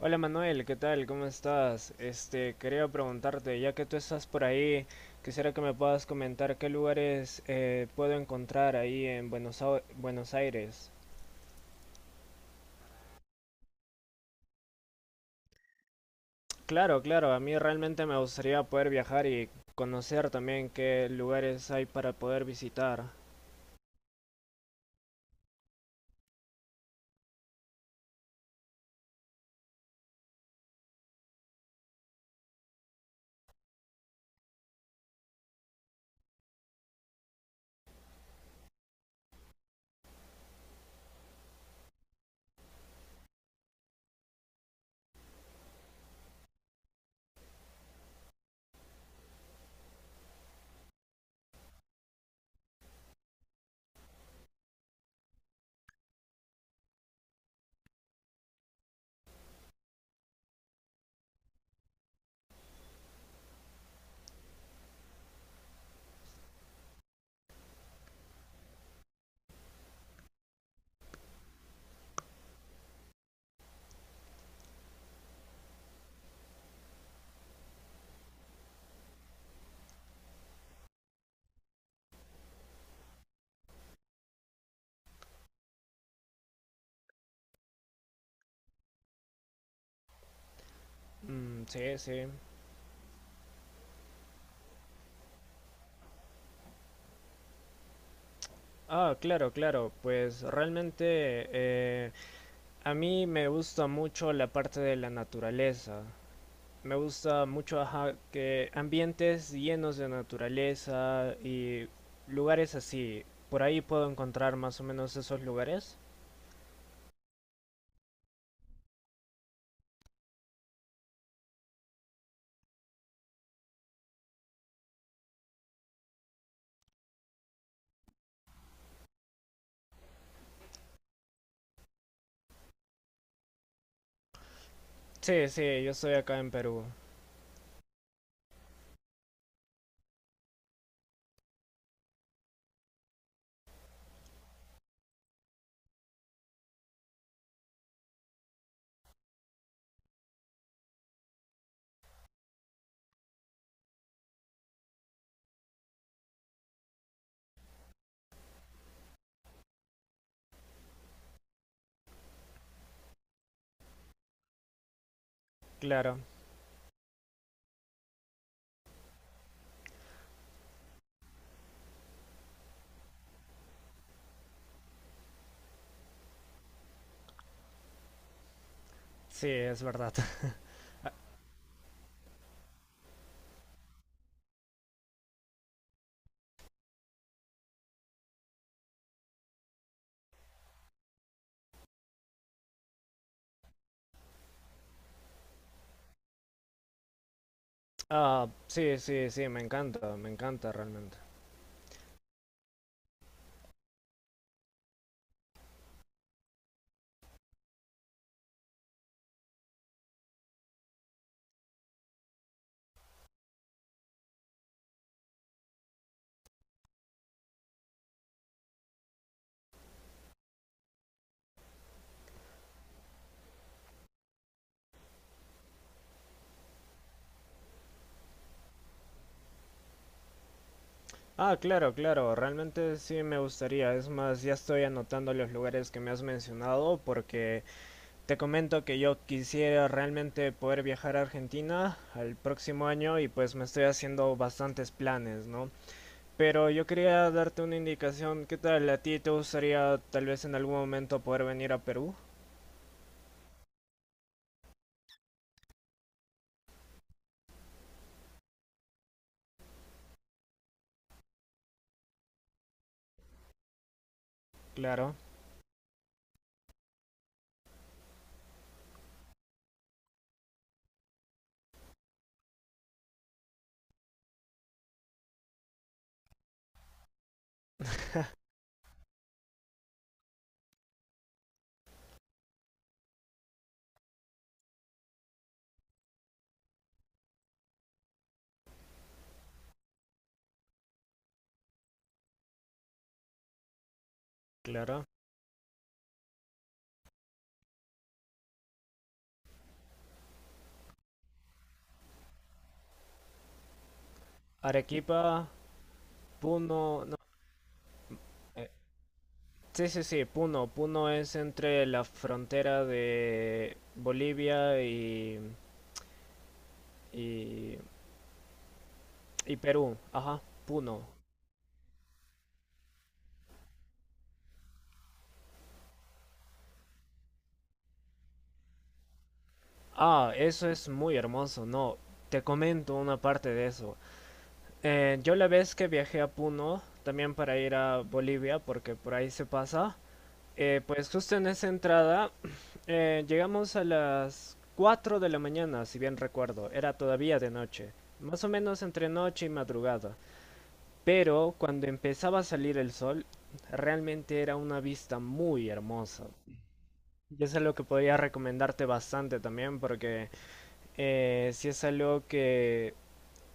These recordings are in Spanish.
Hola Manuel, ¿qué tal? ¿Cómo estás? Quería preguntarte, ya que tú estás por ahí, quisiera que me puedas comentar qué lugares puedo encontrar ahí en Buenos Aires. Claro, claro, a mí realmente me gustaría poder viajar y conocer también qué lugares hay para poder visitar. Mm, sí, sí. Ah, claro, claro, pues realmente eh, a mí me gusta mucho la parte de la naturaleza. Me gusta mucho, ajá, que ambientes llenos de naturaleza y lugares así. Por ahí puedo encontrar más o menos esos lugares. Sí, sí, yo estoy acá en Perú, claro. Sí, es verdad. Ah, sí, sí, sí, me encanta realmente. Ah, claro, claro, realmente sí me gustaría. Es más, ya estoy anotando los lugares que me has mencionado porque te comento que yo quisiera realmente poder viajar a Argentina al próximo año y pues me estoy haciendo bastantes planes, ¿no? Pero yo quería darte una indicación, ¿qué tal? ¿A ti te gustaría tal vez en algún momento poder venir a Perú? Claro, claro. Arequipa, Puno, no. eh, sí, sí, sí, Puno. Puno es entre la frontera de Bolivia y, y, y Perú. Ajá, Puno. Ah, eso es muy hermoso, no, te comento una parte de eso. Yo la vez que viajé a Puno, también para ir a Bolivia, porque por ahí se pasa, pues justo en esa entrada llegamos a las 4 de la mañana, si bien recuerdo, era todavía de noche, más o menos entre noche y madrugada, pero cuando empezaba a salir el sol, realmente era una vista muy hermosa. Y eso es lo que podría recomendarte bastante también, porque... sí es algo que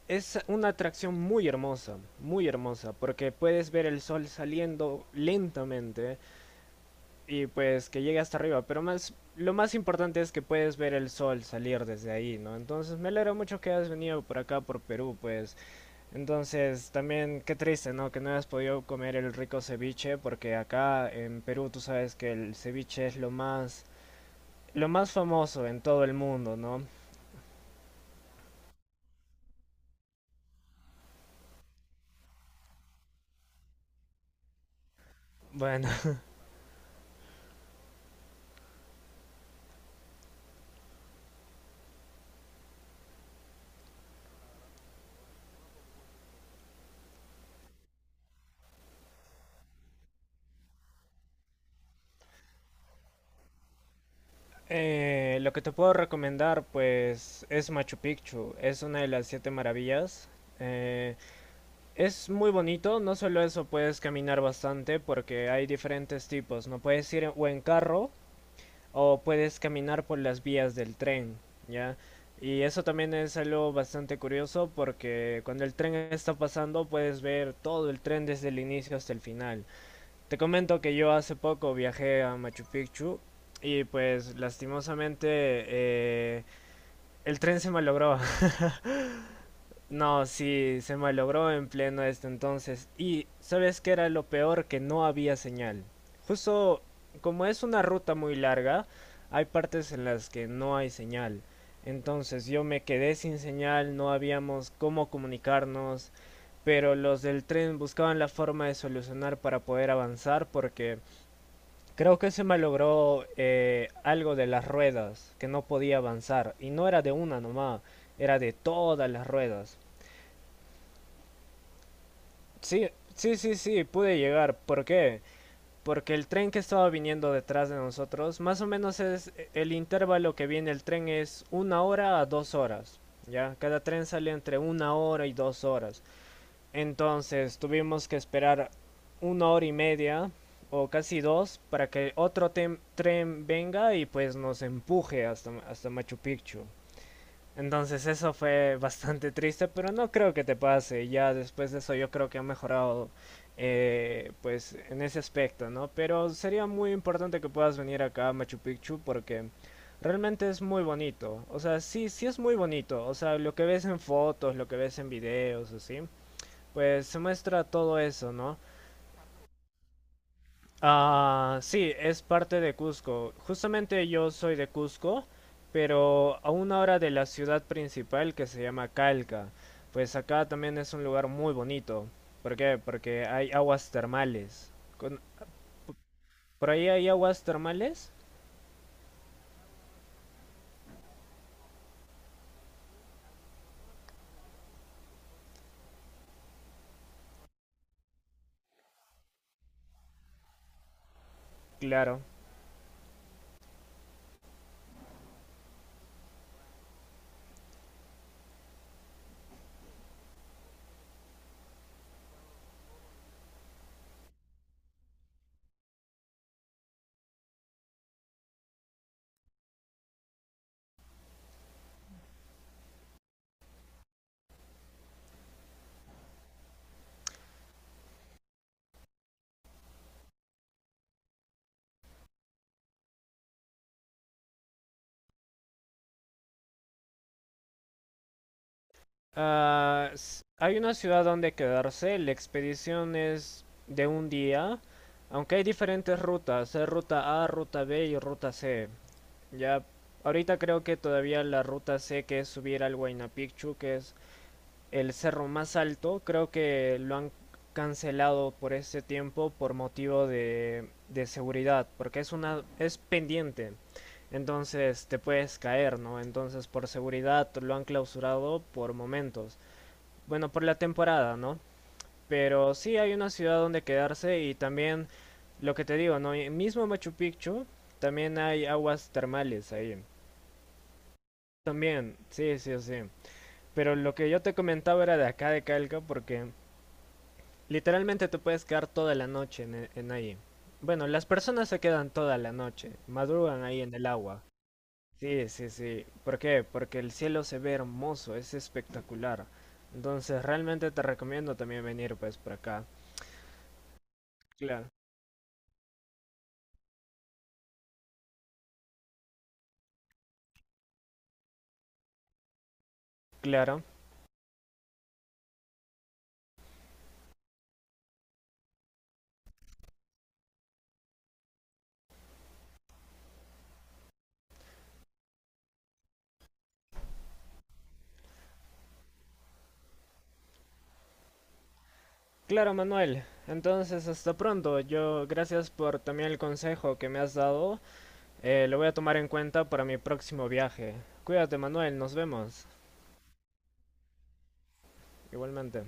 es una atracción muy hermosa, porque puedes ver el sol saliendo lentamente y pues que llegue hasta arriba, pero más lo más importante es que puedes ver el sol salir desde ahí, ¿no? Entonces me alegro mucho que hayas venido por acá, por Perú, pues. Entonces también qué triste, ¿no? Que no hayas podido comer el rico ceviche, porque acá en Perú tú sabes que el ceviche es lo más famoso en todo el mundo, ¿no? Bueno, lo que te puedo recomendar, pues, es Machu Picchu. Es una de las siete maravillas. Eh, es muy bonito, no solo eso, puedes caminar bastante porque hay diferentes tipos, ¿no? Puedes ir o en carro o puedes caminar por las vías del tren, ¿ya? Y eso también es algo bastante curioso porque cuando el tren está pasando puedes ver todo el tren desde el inicio hasta el final. Te comento que yo hace poco viajé a Machu Picchu y pues lastimosamente el tren se malogró. No, sí, se malogró en pleno este entonces. Y sabes que era lo peor, que no había señal. Justo como es una ruta muy larga, hay partes en las que no hay señal. Entonces yo me quedé sin señal, no habíamos cómo comunicarnos, pero los del tren buscaban la forma de solucionar para poder avanzar porque creo que se me logró algo de las ruedas, que no podía avanzar. Y no era de una nomás, era de todas las ruedas. Sí, sí, sí, sí, pude llegar. ¿Por qué? Porque el tren que estaba viniendo detrás de nosotros, más o menos es el intervalo que viene el tren, es una hora a dos horas. ¿Ya? Cada tren sale entre una hora y dos horas. Entonces tuvimos que esperar una hora y media o casi dos para que otro tren venga y pues nos empuje hasta, hasta Machu Picchu. Entonces eso fue bastante triste, pero no creo que te pase. Ya después de eso yo creo que ha mejorado pues en ese aspecto, ¿no? Pero sería muy importante que puedas venir acá a Machu Picchu porque realmente es muy bonito. O sea, sí, sí es muy bonito. O sea, lo que ves en fotos, lo que ves en videos, así pues se muestra todo eso, ¿no? Ah, sí, es parte de Cusco. Justamente yo soy de Cusco, pero a una hora de la ciudad principal que se llama Calca. Pues acá también es un lugar muy bonito. ¿Por qué? Porque hay aguas termales. Con- ¿Por ahí hay aguas termales? Claro. Hay una ciudad donde quedarse. La expedición es de un día. Aunque hay diferentes rutas. Hay ruta A, ruta B y ruta C. Ya, ahorita creo que todavía la ruta C, que es subir al Huayna Picchu, que es el cerro más alto, creo que lo han cancelado por este tiempo por motivo de seguridad, porque es una es pendiente. Entonces te puedes caer, ¿no? Entonces por seguridad lo han clausurado por momentos. Bueno, por la temporada, ¿no? Pero sí hay una ciudad donde quedarse y también lo que te digo, ¿no? Mismo Machu Picchu, también hay aguas termales ahí. También, sí, sí, sí. Pero lo que yo te comentaba era de acá de Calca, porque literalmente te puedes quedar toda la noche en ahí. Bueno, las personas se quedan toda la noche, madrugan ahí en el agua. Sí, sí, sí. ¿Por qué? Porque el cielo se ve hermoso, es espectacular. Entonces, realmente te recomiendo también venir pues por acá. Claro. Claro. Claro, Manuel. Entonces, hasta pronto. Yo, gracias por también el consejo que me has dado. Lo voy a tomar en cuenta para mi próximo viaje. Cuídate, Manuel, nos vemos. Igualmente.